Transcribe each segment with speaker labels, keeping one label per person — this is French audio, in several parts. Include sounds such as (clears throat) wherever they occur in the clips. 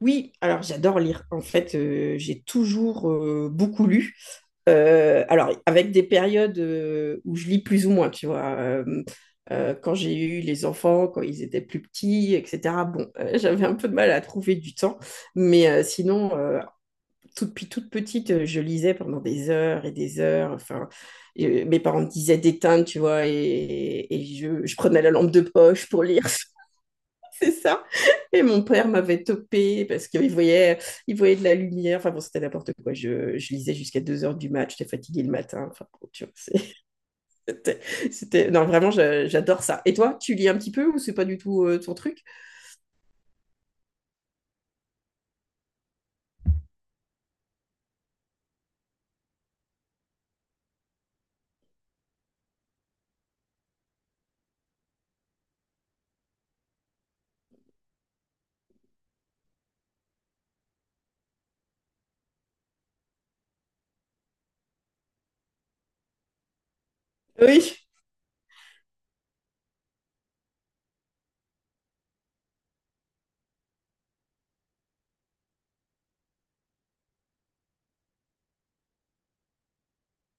Speaker 1: Oui, alors j'adore lire. En fait, j'ai toujours beaucoup lu. Alors, avec des périodes où je lis plus ou moins, tu vois. Quand j'ai eu les enfants, quand ils étaient plus petits, etc. Bon, (laughs) j'avais un peu de mal à trouver du temps. Mais sinon, depuis toute petite, je lisais pendant des heures et des heures. Enfin, et, mes parents me disaient d'éteindre, tu vois, et je prenais la lampe de poche pour lire. C'est ça. Et mon père m'avait topé parce qu'il voyait, il voyait de la lumière. Enfin bon, c'était n'importe quoi. Je lisais jusqu'à 2 heures du match. J'étais fatiguée le matin. Enfin bon, tu vois, (laughs) c'était, Non, vraiment, j'adore ça. Et toi, tu lis un petit peu ou c'est pas du tout ton truc? Oui.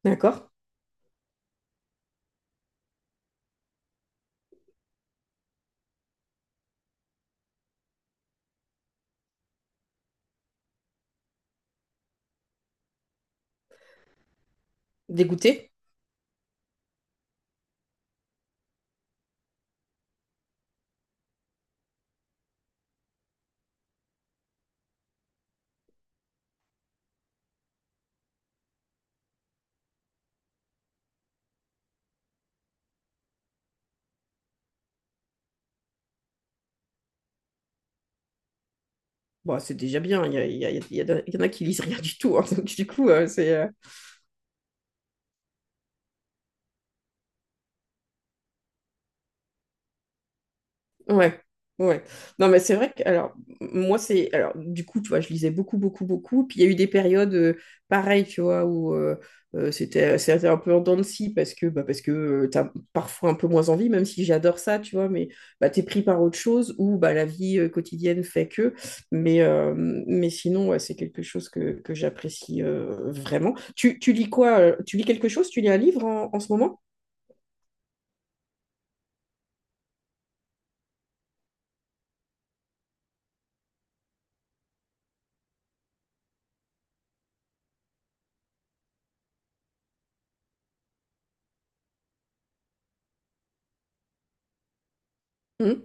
Speaker 1: D'accord. Dégoûté? Bon, c'est déjà bien. Il y, a- il y a- il y a- Il y en a qui lisent rien du tout, hein. (laughs) Donc du coup, ouais, ouais. Non, mais c'est vrai que, alors, moi, c'est, alors, du coup, tu vois, je lisais beaucoup, beaucoup, beaucoup. Puis il y a eu des périodes pareilles, tu vois, où c'était un peu en dents de scie parce que, bah, parce que t'as parfois un peu moins envie, même si j'adore ça, tu vois, mais bah, t'es pris par autre chose ou bah, la vie quotidienne fait que. Mais, euh, mais sinon, ouais, c'est quelque chose que j'apprécie vraiment. Tu lis quoi? Tu lis quelque chose? Tu lis un livre en ce moment? Hmm,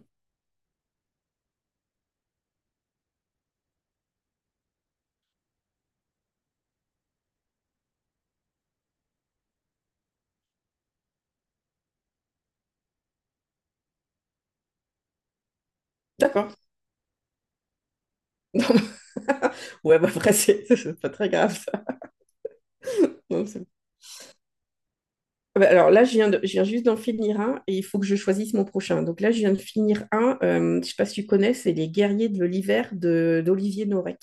Speaker 1: d'accord. (laughs) Non. Ouais, bah après, c'est (laughs) c'est pas très grave, ça. Non, ah bah alors là, je viens juste d'en finir un et il faut que je choisisse mon prochain. Donc là, je viens de finir un, je sais pas si tu connais, c'est Les Guerriers de l'hiver de d'Olivier Norek.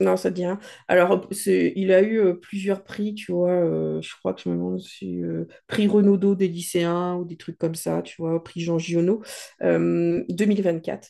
Speaker 1: Non, ça te dit rien. Alors, il a eu plusieurs prix, tu vois. Je crois que je me demande si prix Renaudot des lycéens ou des trucs comme ça, tu vois, prix Jean Giono, 2024.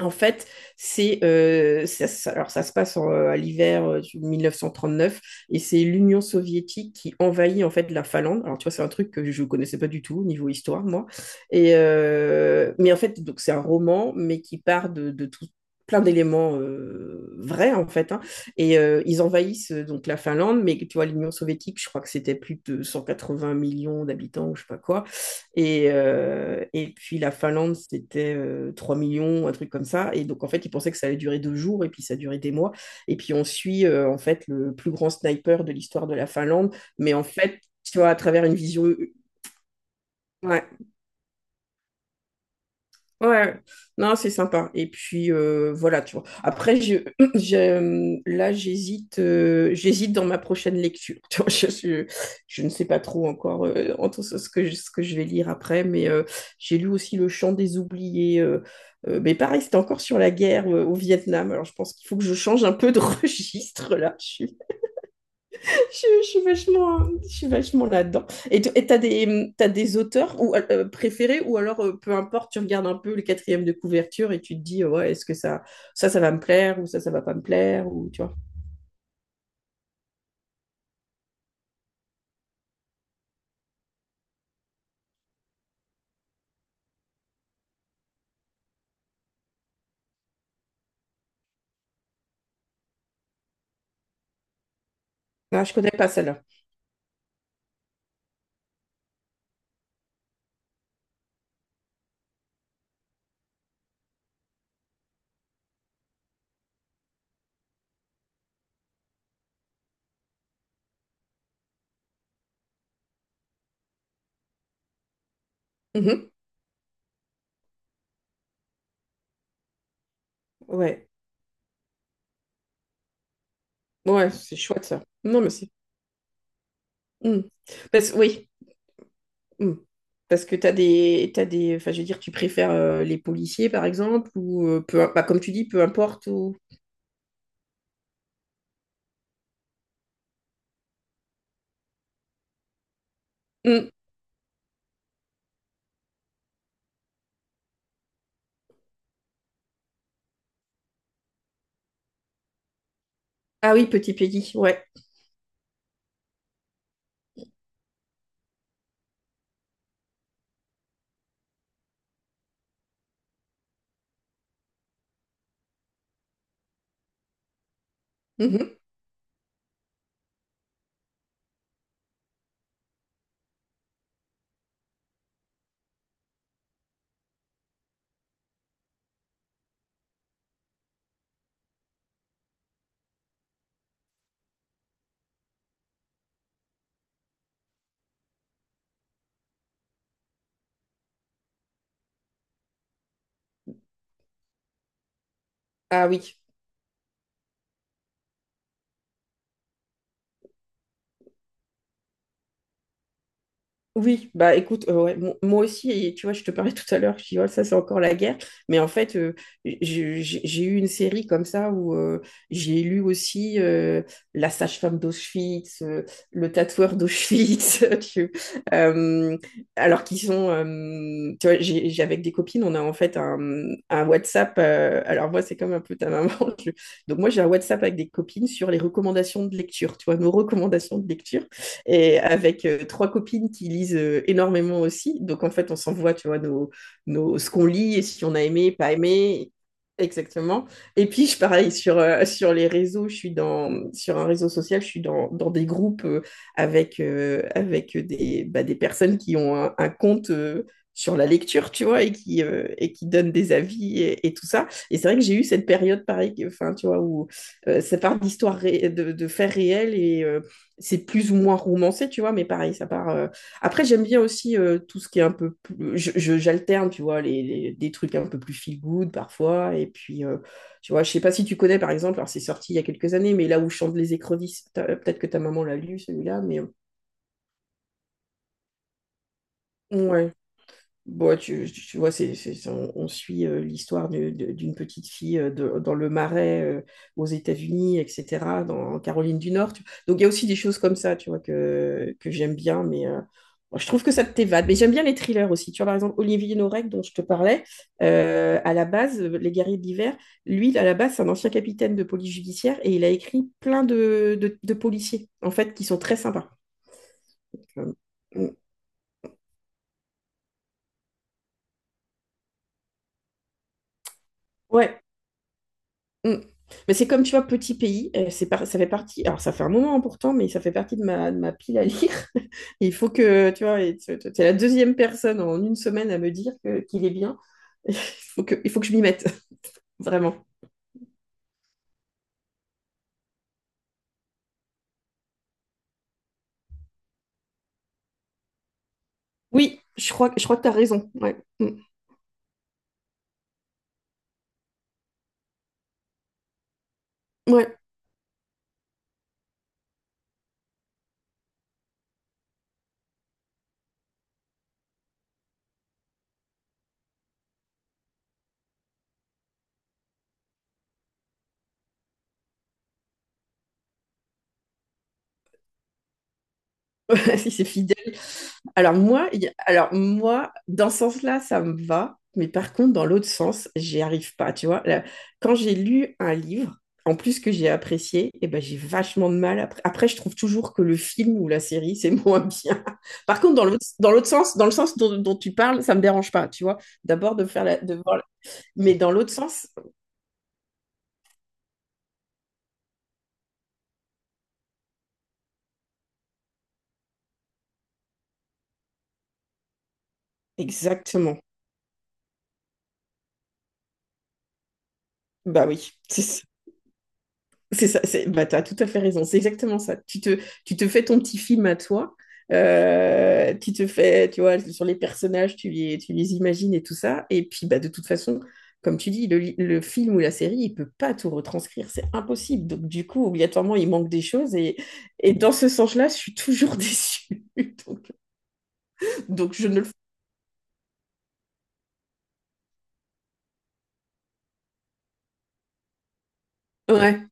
Speaker 1: En fait, c'est ça, alors ça se passe à l'hiver du 1939 et c'est l'Union soviétique qui envahit en fait la Finlande. Alors tu vois, c'est un truc que je ne connaissais pas du tout au niveau histoire, moi. Et mais en fait, donc c'est un roman mais qui part de tout plein d'éléments vrais en fait, hein. Et ils envahissent donc la Finlande, mais tu vois, l'Union soviétique, je crois que c'était plus de 180 millions d'habitants ou je sais pas quoi, et puis la Finlande, c'était 3 millions, un truc comme ça. Et donc, en fait, ils pensaient que ça allait durer 2 jours, et puis ça a duré des mois. Et puis, on suit, en fait, le plus grand sniper de l'histoire de la Finlande. Mais en fait, tu vois, à travers une vision. Ouais. Ouais, ouais. Non, c'est sympa. Et puis voilà, tu vois. Après, (clears throat) là, j'hésite dans ma prochaine lecture. (laughs) Tu vois, je- je ne sais pas trop encore entre ce ce que je vais lire après, mais j'ai lu aussi Le Chant des oubliés. Mais pareil, c'était encore sur la guerre au Vietnam. Alors, je pense qu'il faut que je change un peu de (laughs) registre là. Je suis vachement, je suis vachement là-dedans. Et t'as des auteurs ou, préférés ou alors peu importe, tu regardes un peu le quatrième de couverture et tu te dis, ouais, est-ce que ça va me plaire ou ça va pas me plaire ou tu vois. Ah, je connais pas celle-là. Mhm. Ouais, ouais, c'est chouette ça. Non, mais c'est. Mm. Parce, oui, Mm. Parce que t'as des, enfin, je veux dire, tu préfères les policiers par exemple ou bah, comme tu dis, peu importe ou. Mm. Ah oui, Petit Peggy, ouais. Mhm. Ah oui, oui, bah écoute, ouais, moi aussi, et tu vois, je te parlais tout à l'heure, je dis, oh, ça c'est encore la guerre, mais en fait, j'ai eu une série comme ça où j'ai lu aussi La sage-femme d'Auschwitz, Le tatoueur d'Auschwitz, (laughs) euh, alors qu'ils sont, tu vois, avec des copines, on a en fait un WhatsApp, alors moi c'est comme un peu ta maman, (laughs) je- donc moi j'ai un WhatsApp avec des copines sur les recommandations de lecture, tu vois, nos recommandations de lecture et avec trois copines qui lisent énormément aussi. Donc en fait, on s'envoie, tu vois, ce qu'on lit et si on a aimé, pas aimé. Exactement. Et puis, je pareil, sur les réseaux, sur un réseau social, je suis dans des groupes avec, avec des, bah, des personnes qui ont un compte sur la lecture, tu vois, et qui donnent des avis et tout ça. Et c'est vrai que j'ai eu cette période, pareil, enfin, tu vois, où ça part d'histoires de faits réels c'est plus ou moins romancé, tu vois, mais pareil, ça part. Après, j'aime bien aussi tout ce qui est un peu plus. J'alterne, tu vois, des trucs un peu plus feel good parfois. Et puis, tu vois, je sais pas si tu connais, par exemple, alors c'est sorti il y a quelques années, mais Là où chantent les écrevisses, peut-être que ta maman l'a lu, celui-là, mais ouais. Bon, tu vois, on suit l'histoire d'une petite fille dans le Marais aux États-Unis, etc., en Caroline du Nord. Donc, il y a aussi des choses comme ça, tu vois, que j'aime bien, mais bon, je trouve que ça t'évade. Mais j'aime bien les thrillers aussi. Tu vois, par exemple, Olivier Norek, dont je te parlais, à la base, Les Guerriers de l'Hiver, lui, à la base, c'est un ancien capitaine de police judiciaire et il a écrit plein de policiers, en fait, qui sont très sympas. Euh, Ouais. Mm. Mais c'est comme, tu vois, Petit Pays, ça fait partie, alors ça fait un moment, hein, pourtant, mais ça fait partie de ma pile à lire. (laughs) Et il faut que, tu vois, et tu es la deuxième personne en une semaine à me dire qu'il est bien. (laughs) Il faut que je m'y mette, (laughs) vraiment. Oui, je crois que tu as raison. Ouais. Mm. Ouais. (laughs) Si c'est fidèle. Alors moi, il y a- Alors moi, dans ce sens-là, ça me va, mais par contre, dans l'autre sens, j'y arrive pas, tu vois. Là, quand j'ai lu un livre, en plus que j'ai apprécié, eh ben, j'ai vachement de mal. Après, je trouve toujours que le film ou la série, c'est (laughs) moins bien. Par contre, dans l'autre sens, dans le sens dont tu parles, ça me dérange pas, tu vois. D'abord de voir mais dans l'autre sens, exactement. Bah oui. (laughs) C'est ça, bah, tu as tout à fait raison, c'est exactement ça. Tu te fais ton petit film à toi, tu te fais, tu vois, sur les personnages, tu les imagines et tout ça. Et puis, bah, de toute façon, comme tu dis, le film ou la série, il peut pas tout retranscrire, c'est impossible. Donc, du coup, obligatoirement, il manque des choses. Et dans ce sens-là, je suis toujours (laughs) déçue. Donc, je ne le. Ouais.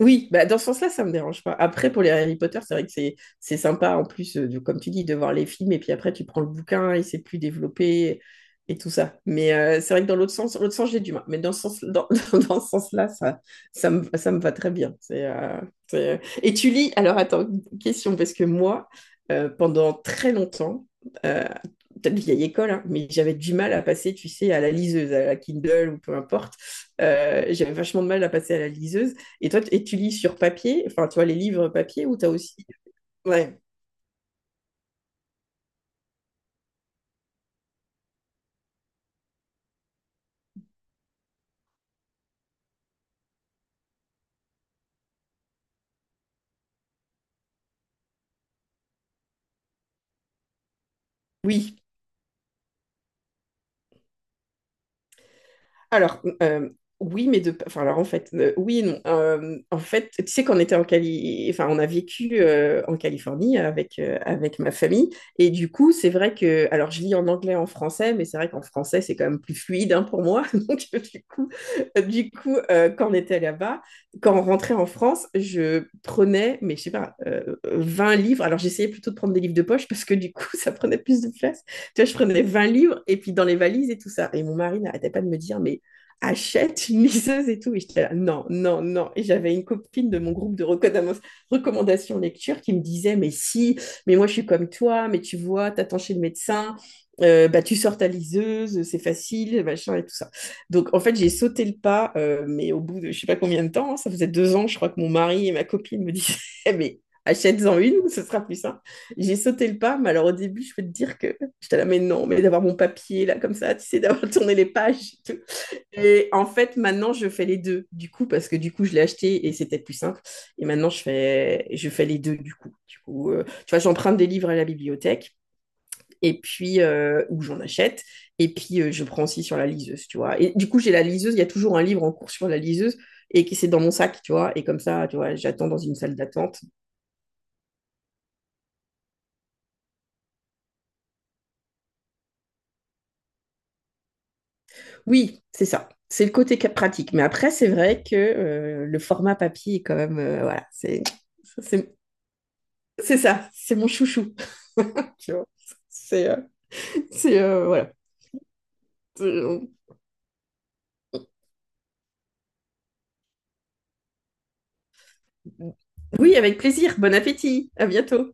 Speaker 1: Oui, bah dans ce sens-là, ça me dérange pas. Après, pour les Harry Potter, c'est vrai que c'est sympa en plus, comme tu dis, de voir les films et puis après tu prends le bouquin et c'est plus développé et tout ça. Mais c'est vrai que dans l'autre sens j'ai du mal. Mais dans ce sens, (laughs) dans ce sens-là, ça me va très bien. C'est- euh. Et tu lis. Alors attends, une question parce que moi, pendant très longtemps, euh, peut-être vieille école, hein, mais j'avais du mal à passer, tu sais, à la liseuse, à la Kindle ou peu importe. J'avais vachement de mal à passer à la liseuse. Et toi, et tu lis sur papier, enfin, tu vois, les livres papier ou t'as aussi. Ouais, oui. Alors, oui, mais de. Enfin, alors en fait, oui et non. En fait, tu sais qu'on était en enfin, on a vécu en Californie avec ma famille. Et du coup, c'est vrai que. Alors, je lis en anglais, en français, mais c'est vrai qu'en français, c'est quand même plus fluide, hein, pour moi. (laughs) Donc, du coup, quand on était là-bas, quand on rentrait en France, je prenais, mais je sais pas, 20 livres. Alors, j'essayais plutôt de prendre des livres de poche parce que du coup, (laughs) ça prenait plus de place. Tu vois, je prenais 20 livres et puis dans les valises et tout ça. Et mon mari n'arrêtait pas de me dire, mais achète une liseuse et tout. Et j'étais là, non, non, non. Et j'avais une copine de mon groupe de recommandations lecture qui me disait, mais si, mais moi je suis comme toi, mais tu vois, t'attends chez le médecin, bah, tu sors ta liseuse, c'est facile, machin et tout ça. Donc en fait, j'ai sauté le pas, mais au bout de je sais pas combien de temps, hein, ça faisait 2 ans, je crois que mon mari et ma copine me disaient, (laughs) mais achète-en une, ce sera plus simple. J'ai sauté le pas, mais alors au début, je peux te dire que j'étais là, mais non, mais d'avoir mon papier là, comme ça, tu sais, d'avoir (laughs) tourné les pages, et tout. Et en fait, maintenant, je fais les deux, du coup, parce que du coup, je l'ai acheté et c'était plus simple. Et maintenant, je fais les deux, du coup. Du coup, tu vois, j'emprunte des livres à la bibliothèque, et puis, ou j'en achète, et puis je prends aussi sur la liseuse, tu vois. Et du coup, j'ai la liseuse, il y a toujours un livre en cours sur la liseuse, et qui c'est dans mon sac, tu vois. Et comme ça, tu vois, j'attends dans une salle d'attente. Oui, c'est ça. C'est le côté pratique. Mais après, c'est vrai que le format papier est quand même, voilà, ça, c'est, c'est ça, c'est mon chouchou. (laughs) Tu vois, c'est, euh, voilà. Euh, oui, avec plaisir. Bon appétit. À bientôt.